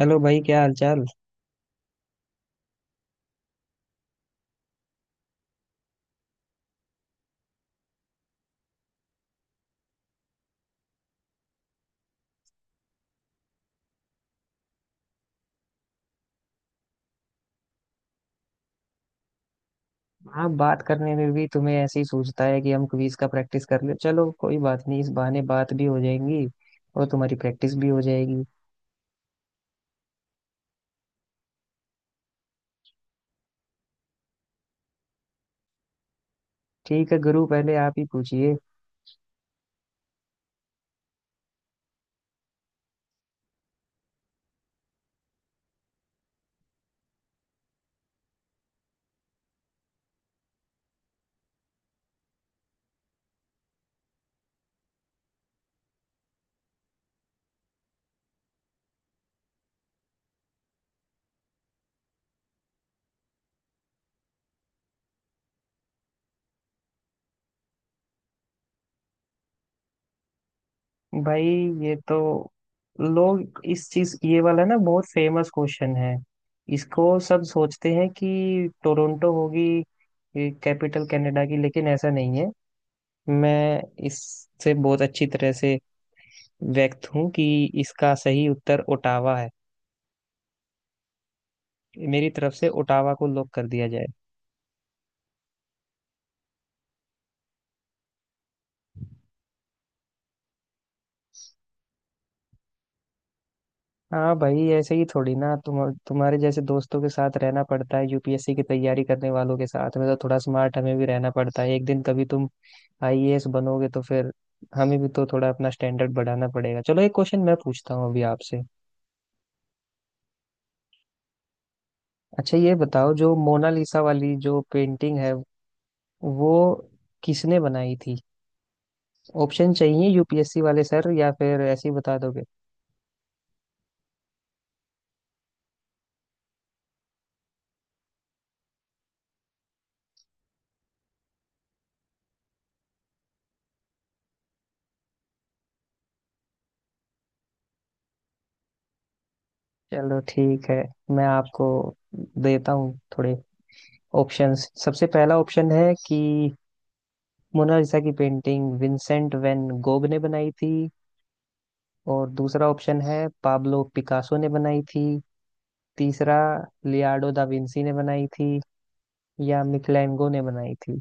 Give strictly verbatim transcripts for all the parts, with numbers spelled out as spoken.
Hello भाई, क्या हाल चाल। आप बात करने में भी तुम्हें ऐसे ही सूझता है कि हम क्विज का प्रैक्टिस कर ले। चलो कोई बात नहीं, इस बहाने बात भी हो जाएंगी और तुम्हारी प्रैक्टिस भी हो जाएगी। ठीक है गुरु, पहले आप ही पूछिए। भाई, ये तो लोग इस चीज, ये वाला ना, बहुत फेमस क्वेश्चन है। इसको सब सोचते हैं कि टोरंटो होगी कैपिटल कनाडा की, लेकिन ऐसा नहीं है। मैं इससे बहुत अच्छी तरह से व्यक्त हूँ कि इसका सही उत्तर ओटावा है। मेरी तरफ से ओटावा को लॉक कर दिया जाए। हाँ भाई, ऐसे ही थोड़ी ना तुम, तुम्हारे जैसे दोस्तों के साथ रहना पड़ता है, यू पी एस सी की तैयारी करने वालों के साथ में, तो थोड़ा स्मार्ट हमें भी रहना पड़ता है। एक दिन कभी तुम आई ए एस बनोगे तो फिर हमें भी तो थोड़ा अपना स्टैंडर्ड बढ़ाना पड़ेगा। चलो, एक क्वेश्चन मैं पूछता हूँ अभी आपसे। अच्छा ये बताओ, जो मोनालिसा वाली जो पेंटिंग है वो किसने बनाई थी? ऑप्शन चाहिए यू पी एस सी वाले सर, या फिर ऐसे ही बता दोगे? चलो ठीक है, मैं आपको देता हूँ थोड़े ऑप्शंस। सबसे पहला ऑप्शन है कि मोनालिसा की पेंटिंग विंसेंट वैन गोग ने बनाई थी, और दूसरा ऑप्शन है पाब्लो पिकासो ने बनाई थी, तीसरा लियार्डो दा विंसी ने बनाई थी, या मिकलैंगो ने बनाई थी।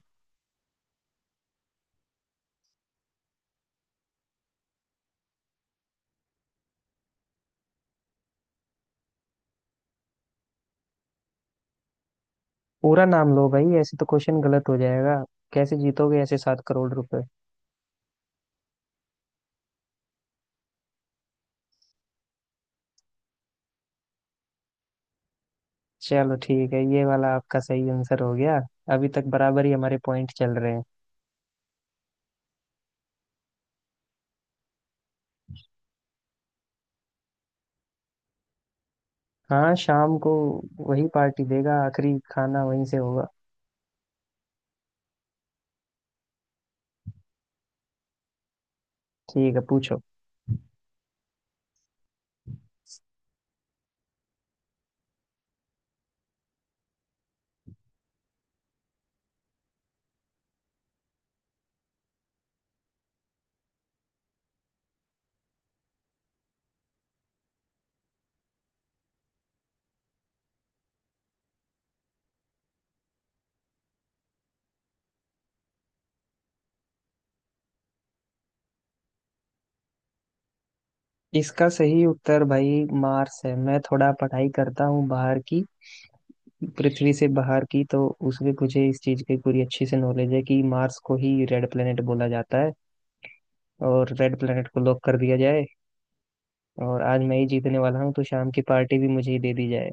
पूरा नाम लो भाई, ऐसे तो क्वेश्चन गलत हो जाएगा। कैसे जीतोगे ऐसे सात करोड़ रुपए? चलो ठीक है, ये वाला आपका सही आंसर हो गया। अभी तक बराबर ही हमारे पॉइंट चल रहे हैं। हाँ शाम को वही पार्टी देगा, आखिरी खाना वहीं से होगा। ठीक है, पूछो। इसका सही उत्तर भाई मार्स है। मैं थोड़ा पढ़ाई करता हूँ बाहर की, पृथ्वी से बाहर की, तो उसमें मुझे इस चीज की पूरी अच्छी से नॉलेज है कि मार्स को ही रेड प्लेनेट बोला जाता है। और रेड प्लेनेट को लॉक कर दिया जाए। और आज मैं ही जीतने वाला हूँ, तो शाम की पार्टी भी मुझे ही दे दी जाए।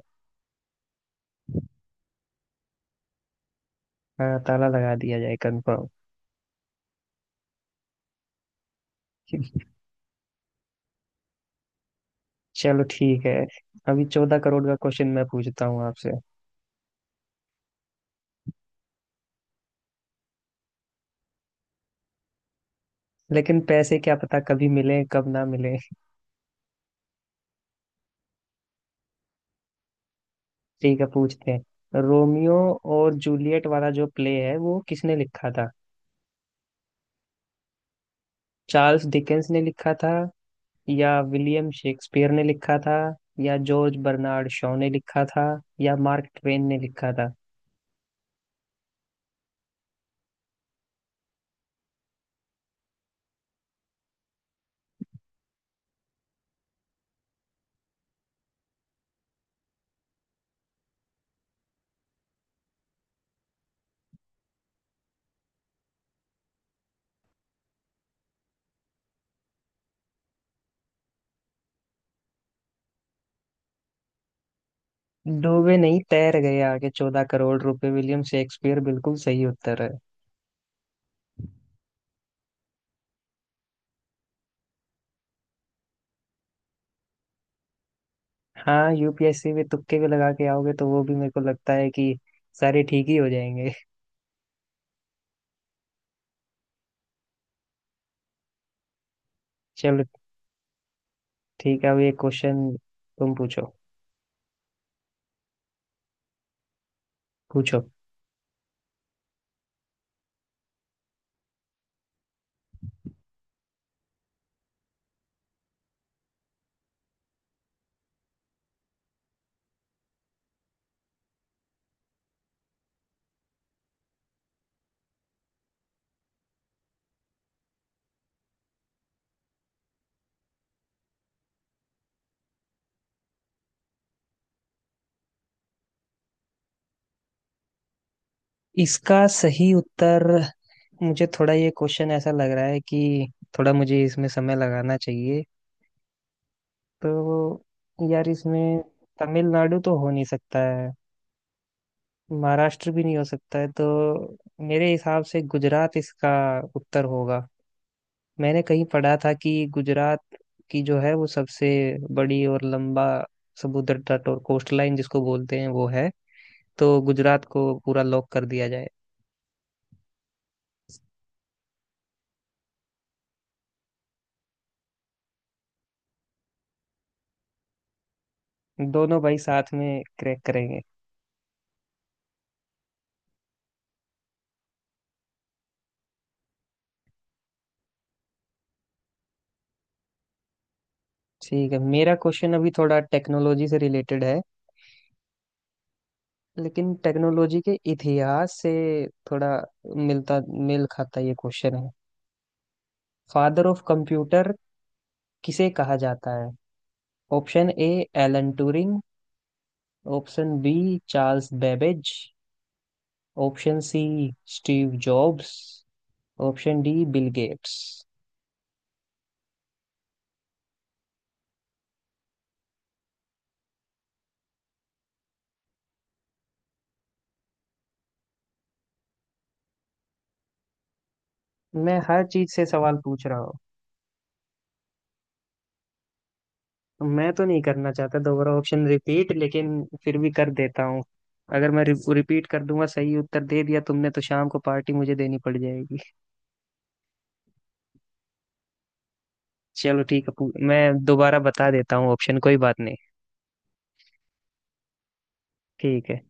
हाँ, ताला लगा दिया जाए कंफर्म। चलो ठीक है, अभी चौदह करोड़ का क्वेश्चन मैं पूछता हूँ आपसे। लेकिन पैसे क्या पता, कभी मिले कब ना मिले। ठीक है, पूछते हैं। रोमियो और जूलियट वाला जो प्ले है वो किसने लिखा था? चार्ल्स डिकेंस ने लिखा था, या विलियम शेक्सपियर ने लिखा था, या जॉर्ज बर्नार्ड शॉ ने लिखा था, या मार्क ट्वेन ने लिखा था? डूबे नहीं, तैर गए आगे। चौदह करोड़ रुपए, विलियम शेक्सपियर बिल्कुल सही उत्तर है। हाँ, यू पी एस सी में तुक्के भी लगा के आओगे तो वो भी मेरे को लगता है कि सारे ठीक ही हो जाएंगे। चलो ठीक है, अब एक क्वेश्चन। तुम पूछो, पूछो। इसका सही उत्तर, मुझे थोड़ा ये क्वेश्चन ऐसा लग रहा है कि थोड़ा मुझे इसमें समय लगाना चाहिए। तो यार, इसमें तमिलनाडु तो हो नहीं सकता है, महाराष्ट्र भी नहीं हो सकता है, तो मेरे हिसाब से गुजरात इसका उत्तर होगा। मैंने कहीं पढ़ा था कि गुजरात की जो है वो सबसे बड़ी और लंबा समुद्र तट और कोस्ट लाइन जिसको बोलते हैं वो है। तो गुजरात को पूरा लॉक कर दिया जाए। दोनों भाई साथ में क्रैक करेंगे। ठीक है, मेरा क्वेश्चन अभी थोड़ा टेक्नोलॉजी से रिलेटेड है, लेकिन टेक्नोलॉजी के इतिहास से थोड़ा मिलता, मेल खाता ये क्वेश्चन है। फादर ऑफ कंप्यूटर किसे कहा जाता है? Option A, Alan Turing. Option B, Charles Babbage. Option C, Steve Jobs. Option D, Bill Gates. मैं हर चीज से सवाल पूछ रहा हूँ। मैं तो नहीं करना चाहता दोबारा ऑप्शन रिपीट, लेकिन फिर भी कर देता हूँ। अगर मैं रिपीट कर दूंगा, सही उत्तर दे दिया तुमने तो शाम को पार्टी मुझे देनी पड़ जाएगी। चलो ठीक है, पू- मैं दोबारा बता देता हूँ ऑप्शन। कोई बात नहीं। ठीक है,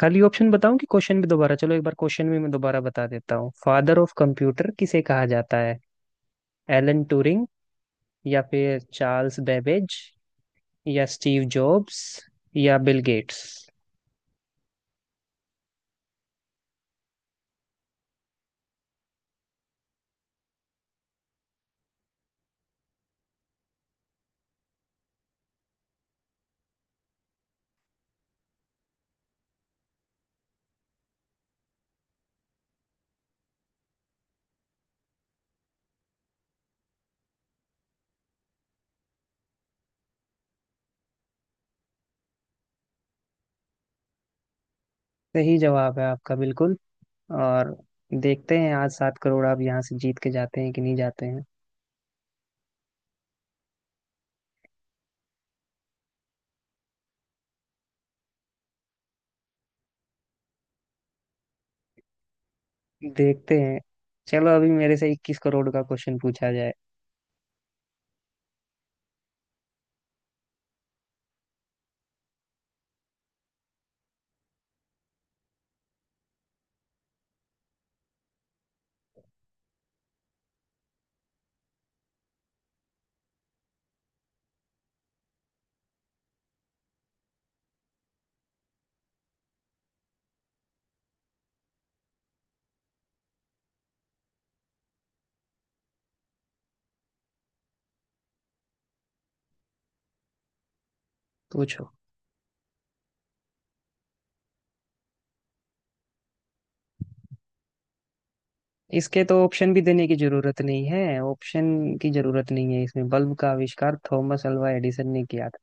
खाली ऑप्शन बताऊं कि क्वेश्चन भी दोबारा? चलो एक बार क्वेश्चन भी मैं दोबारा बता देता हूँ। फादर ऑफ कंप्यूटर किसे कहा जाता है? एलन ट्यूरिंग, या फिर चार्ल्स बेबेज, या स्टीव जॉब्स, या बिल गेट्स? सही जवाब है आपका बिल्कुल। और देखते हैं आज सात करोड़ आप यहाँ से जीत के जाते हैं कि नहीं जाते हैं। देखते हैं। चलो, अभी मेरे से इक्कीस करोड़ का क्वेश्चन पूछा जाए। पूछो। इसके तो ऑप्शन भी देने की जरूरत नहीं है। ऑप्शन की जरूरत नहीं है इसमें। बल्ब का आविष्कार थॉमस अल्वा एडिसन ने किया था।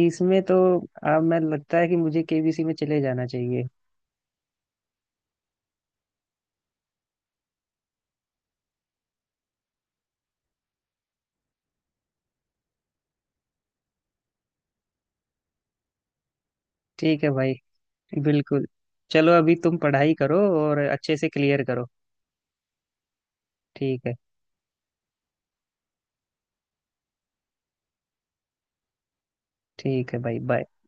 इसमें तो, अब मैं लगता है कि मुझे के बी सी में चले जाना चाहिए। ठीक है भाई, बिल्कुल। चलो अभी तुम पढ़ाई करो और अच्छे से क्लियर करो। ठीक है, ठीक है भाई, बाय।